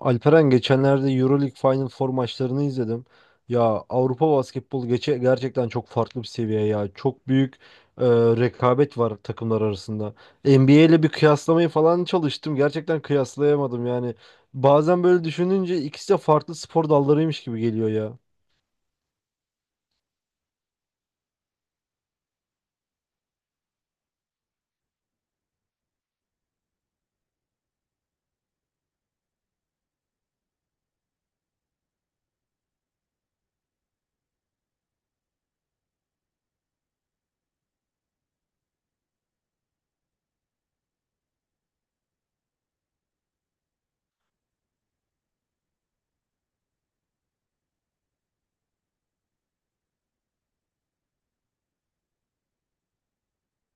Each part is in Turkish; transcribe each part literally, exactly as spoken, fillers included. Alperen, geçenlerde EuroLeague Final Four maçlarını izledim. Ya, Avrupa basketbol geçe gerçekten çok farklı bir seviye ya. Çok büyük e, rekabet var takımlar arasında. N B A ile bir kıyaslamayı falan çalıştım. Gerçekten kıyaslayamadım yani. Bazen böyle düşününce ikisi de farklı spor dallarıymış gibi geliyor ya.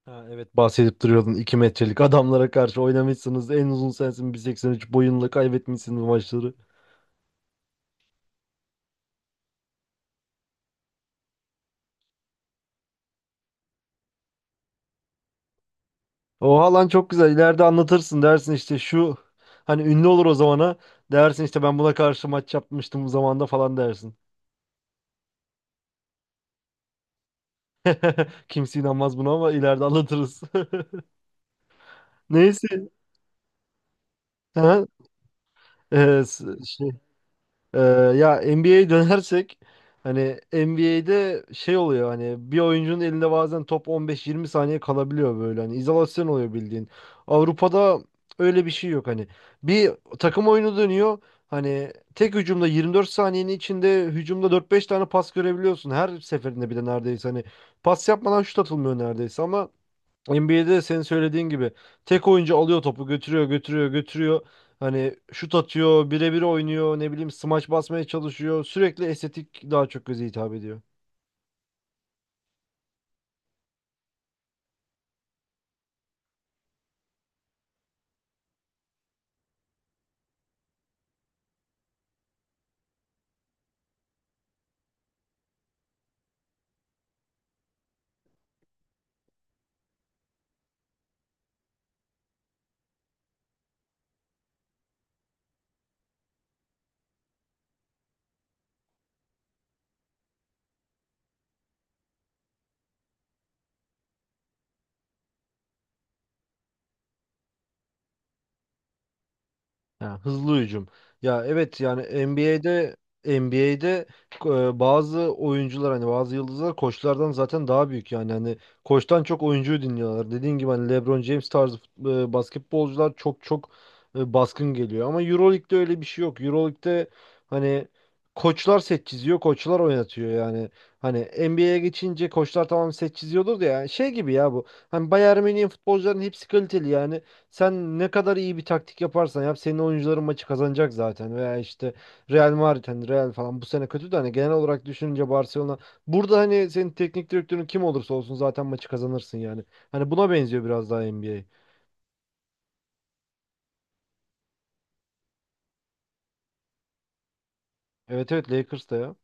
Ha, evet, bahsedip duruyordun iki metrelik adamlara karşı oynamışsınız. En uzun sensin, bir seksen üç boyunla kaybetmişsiniz maçları. Oha lan, çok güzel. İleride anlatırsın, dersin işte şu hani ünlü olur o zamana. Dersin işte ben buna karşı maç yapmıştım bu zamanda falan dersin. Kimse inanmaz buna ama ileride anlatırız. Neyse. Ha? Ee, s- şey, Ee, ya N B A'ye dönersek hani N B A'de şey oluyor, hani bir oyuncunun elinde bazen top on beş yirmi saniye kalabiliyor, böyle hani izolasyon oluyor bildiğin. Avrupa'da öyle bir şey yok hani. Bir takım oyunu dönüyor. Hani tek hücumda yirmi dört saniyenin içinde hücumda dört beş tane pas görebiliyorsun. Her seferinde bir de neredeyse hani pas yapmadan şut atılmıyor neredeyse, ama N B A'de senin söylediğin gibi tek oyuncu alıyor topu götürüyor götürüyor götürüyor. Hani şut atıyor, birebir oynuyor, ne bileyim smaç basmaya çalışıyor. Sürekli estetik, daha çok göze hitap ediyor. Ha, hızlı hücum. Ya evet yani N B A'de N B A'de e, bazı oyuncular, hani bazı yıldızlar koçlardan zaten daha büyük yani, hani koçtan çok oyuncuyu dinliyorlar. Dediğin gibi hani LeBron James tarzı fut- e, basketbolcular çok çok e, baskın geliyor ama EuroLeague'de öyle bir şey yok. EuroLeague'de hani koçlar set çiziyor, koçlar oynatıyor yani. Hani N B A'ye geçince koçlar tamam set çiziyordur da, yani şey gibi ya bu. Hani Bayern Münih'in futbolcuların hepsi kaliteli yani. Sen ne kadar iyi bir taktik yaparsan yap senin oyuncuların maçı kazanacak zaten. Veya işte Real Madrid, hani Real falan bu sene kötü de hani genel olarak düşününce Barcelona, burada hani senin teknik direktörün kim olursa olsun zaten maçı kazanırsın yani. Hani buna benziyor biraz daha N B A. Evet evet, Lakers da ya.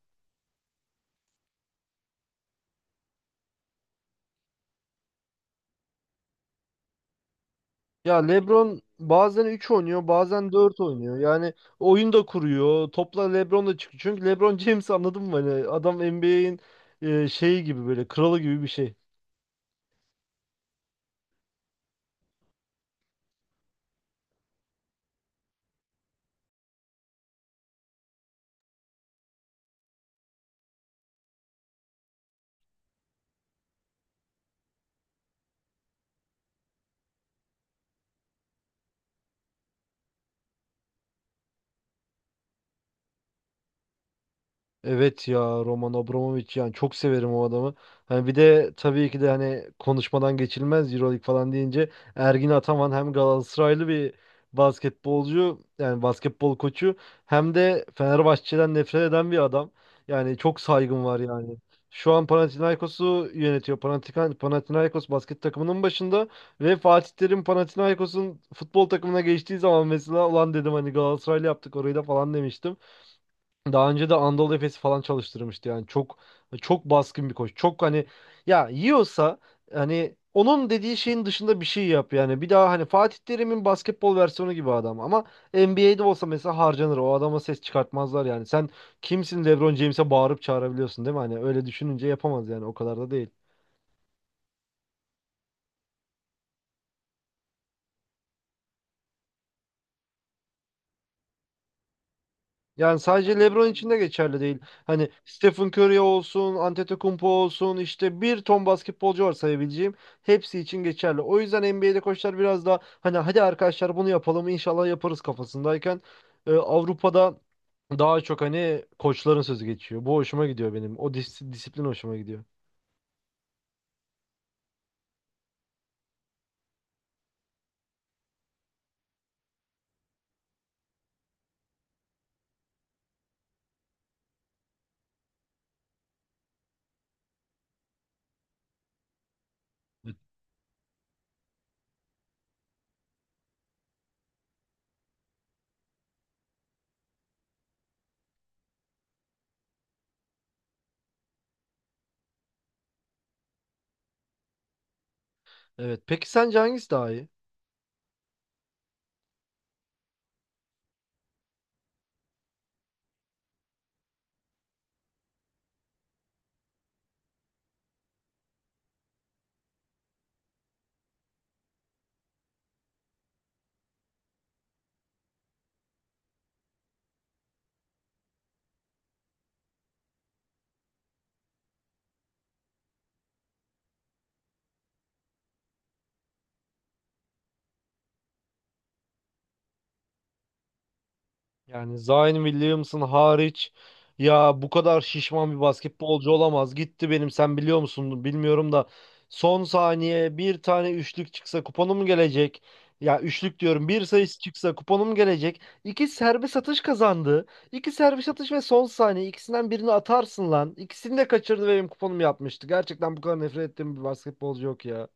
Ya LeBron bazen üç oynuyor, bazen dört oynuyor. Yani oyun da kuruyor. Topla LeBron da çıkıyor. Çünkü LeBron James, anladın mı? Hani adam N B A'in şeyi gibi, böyle kralı gibi bir şey. Evet ya, Roman Abramovich, yani çok severim o adamı. Hani bir de tabii ki de hani konuşmadan geçilmez Euroleague falan deyince, Ergin Ataman hem Galatasaraylı bir basketbolcu, yani basketbol koçu, hem de Fenerbahçe'den nefret eden bir adam. Yani çok saygım var yani. Şu an Panathinaikos'u yönetiyor. Panathika- Panathinaikos basket takımının başında, ve Fatih Terim Panathinaikos'un futbol takımına geçtiği zaman mesela ulan dedim, hani Galatasaraylı yaptık orayı da falan demiştim. Daha önce de Anadolu Efes'i falan çalıştırmıştı, yani çok çok baskın bir koç. Çok hani, ya yiyorsa hani onun dediği şeyin dışında bir şey yap yani. Bir daha hani Fatih Terim'in basketbol versiyonu gibi adam, ama N B A'de olsa mesela harcanır. O adama ses çıkartmazlar yani. Sen kimsin LeBron James'e bağırıp çağırabiliyorsun, değil mi? Hani öyle düşününce yapamaz yani, o kadar da değil. Yani sadece LeBron için de geçerli değil. Hani Stephen Curry olsun, Antetokounmpo olsun, işte bir ton basketbolcu var sayabileceğim. Hepsi için geçerli. O yüzden N B A'de koçlar biraz daha hani hadi arkadaşlar bunu yapalım inşallah yaparız kafasındayken, e, Avrupa'da daha çok hani koçların sözü geçiyor. Bu hoşuma gidiyor benim. O dis- disiplin hoşuma gidiyor. Evet. Peki sence hangisi daha iyi? Yani Zion Williamson hariç, ya bu kadar şişman bir basketbolcu olamaz. Gitti benim, sen biliyor musun bilmiyorum da son saniye bir tane üçlük çıksa kuponum gelecek. Ya üçlük diyorum, bir sayısı çıksa kuponum gelecek. İki serbest atış kazandı. İki serbest atış ve son saniye, ikisinden birini atarsın lan. İkisini de kaçırdı ve benim kuponum yapmıştı. Gerçekten bu kadar nefret ettiğim bir basketbolcu yok ya.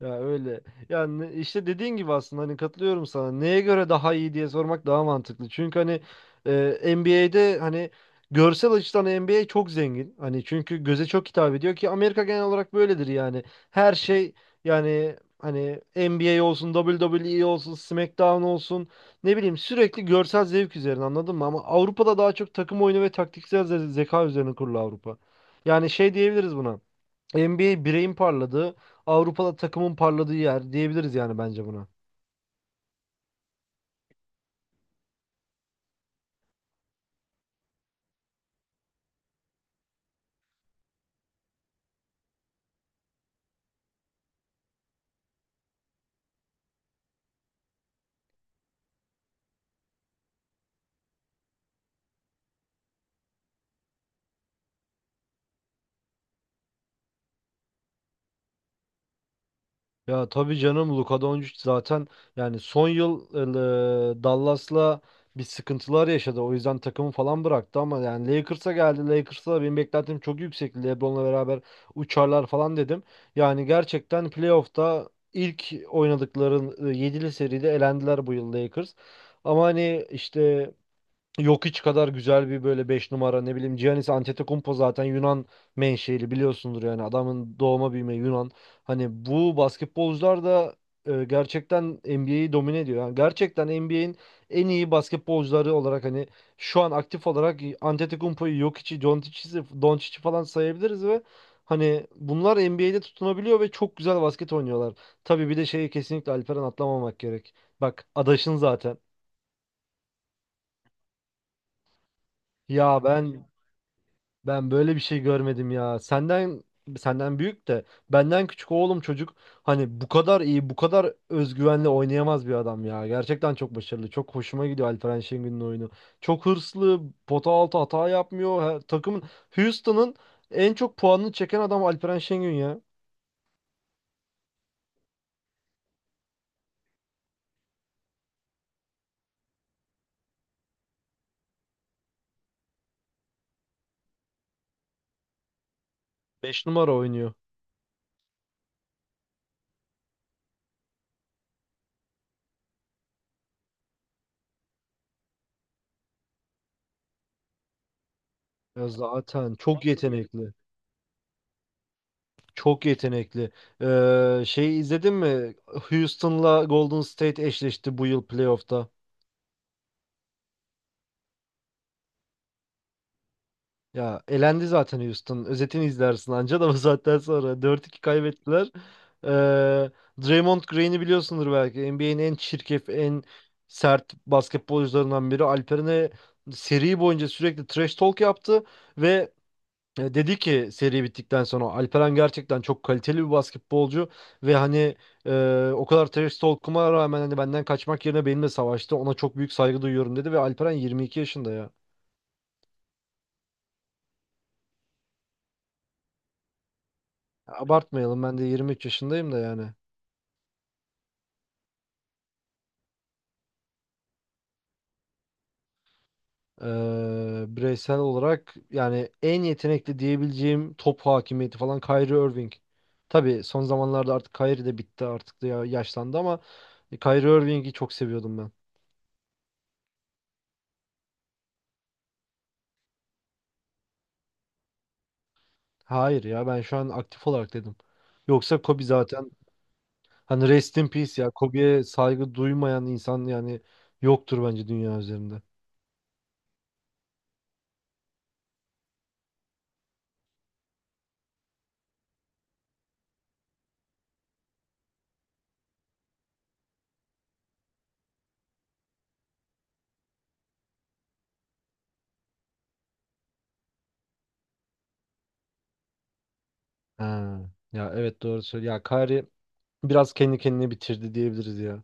Ya öyle. Yani işte dediğin gibi aslında hani katılıyorum sana. Neye göre daha iyi diye sormak daha mantıklı. Çünkü hani e, N B A'de hani görsel açıdan N B A çok zengin. Hani çünkü göze çok hitap ediyor, ki Amerika genel olarak böyledir yani. Her şey, yani hani N B A olsun, W W E olsun, SmackDown olsun, ne bileyim sürekli görsel zevk üzerine, anladın mı? Ama Avrupa'da daha çok takım oyunu ve taktiksel ze- zeka üzerine kurulu Avrupa. Yani şey diyebiliriz buna. N B A bireyin parladığı, Avrupa'da takımın parladığı yer diyebiliriz yani bence buna. Ya tabii canım, Luka Doncic zaten yani son yıl e, Dallas'la bir sıkıntılar yaşadı. O yüzden takımı falan bıraktı ama yani Lakers'a geldi. Lakers'a da benim beklentim çok yüksekti. LeBron'la beraber uçarlar falan dedim. Yani gerçekten playoff'ta ilk oynadıkları ıı, yedili seride elendiler bu yıl Lakers. Ama hani işte yok hiç kadar güzel bir böyle beş numara, ne bileyim Giannis Antetokounmpo zaten Yunan menşeli biliyorsundur, yani adamın doğma büyüme Yunan. Hani bu basketbolcular da e, gerçekten N B A'yi domine ediyor. Yani gerçekten N B A'in en iyi basketbolcuları olarak hani şu an aktif olarak Antetokounmpo'yu, Jokic'i, Doncic'i Doncic'i falan sayabiliriz ve hani bunlar N B A'de tutunabiliyor ve çok güzel basket oynuyorlar. Tabii bir de şeyi kesinlikle Alperen atlamamak gerek. Bak adaşın zaten. Ya ben Ben böyle bir şey görmedim ya. Senden senden büyük de benden küçük oğlum, çocuk hani bu kadar iyi, bu kadar özgüvenle oynayamaz bir adam ya. Gerçekten çok başarılı. Çok hoşuma gidiyor Alperen Şengün'ün oyunu. Çok hırslı, pota altı hata yapmıyor. Her, takımın Houston'ın en çok puanını çeken adam Alperen Şengün ya. Beş numara oynuyor. Ya zaten çok yetenekli. Çok yetenekli. Ee, şeyi izledin mi? Houston'la Golden State eşleşti bu yıl playoff'ta. Ya elendi zaten Houston. Özetini izlersin anca da bu saatten sonra. Dört iki kaybettiler. Ee, Draymond Green'i biliyorsundur belki. N B A'in en çirkef, en sert basketbolcularından biri. Alperen'e seri boyunca sürekli trash talk yaptı ve e, dedi ki seri bittikten sonra Alperen gerçekten çok kaliteli bir basketbolcu ve hani e, o kadar trash talk'uma rağmen hani benden kaçmak yerine benimle savaştı. Ona çok büyük saygı duyuyorum dedi, ve Alperen yirmi iki yaşında ya. Abartmayalım, ben de yirmi üç yaşındayım da yani. Eee, bireysel olarak yani en yetenekli diyebileceğim, top hakimiyeti falan, Kyrie Irving. Tabii son zamanlarda artık Kyrie de bitti artık da ya- yaşlandı, ama e, Kyrie Irving'i çok seviyordum ben. Hayır ya, ben şu an aktif olarak dedim. Yoksa Kobe zaten, hani rest in peace, ya Kobe'ye saygı duymayan insan yani yoktur bence dünya üzerinde. Ha, ya evet doğru söylüyor. Ya Kyrie biraz kendi kendine bitirdi diyebiliriz ya.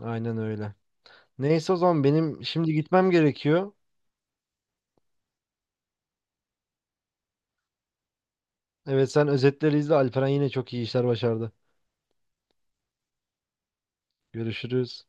Aynen öyle. Neyse, o zaman benim şimdi gitmem gerekiyor. Evet, sen özetleri izle. Alperen yine çok iyi işler başardı. Görüşürüz.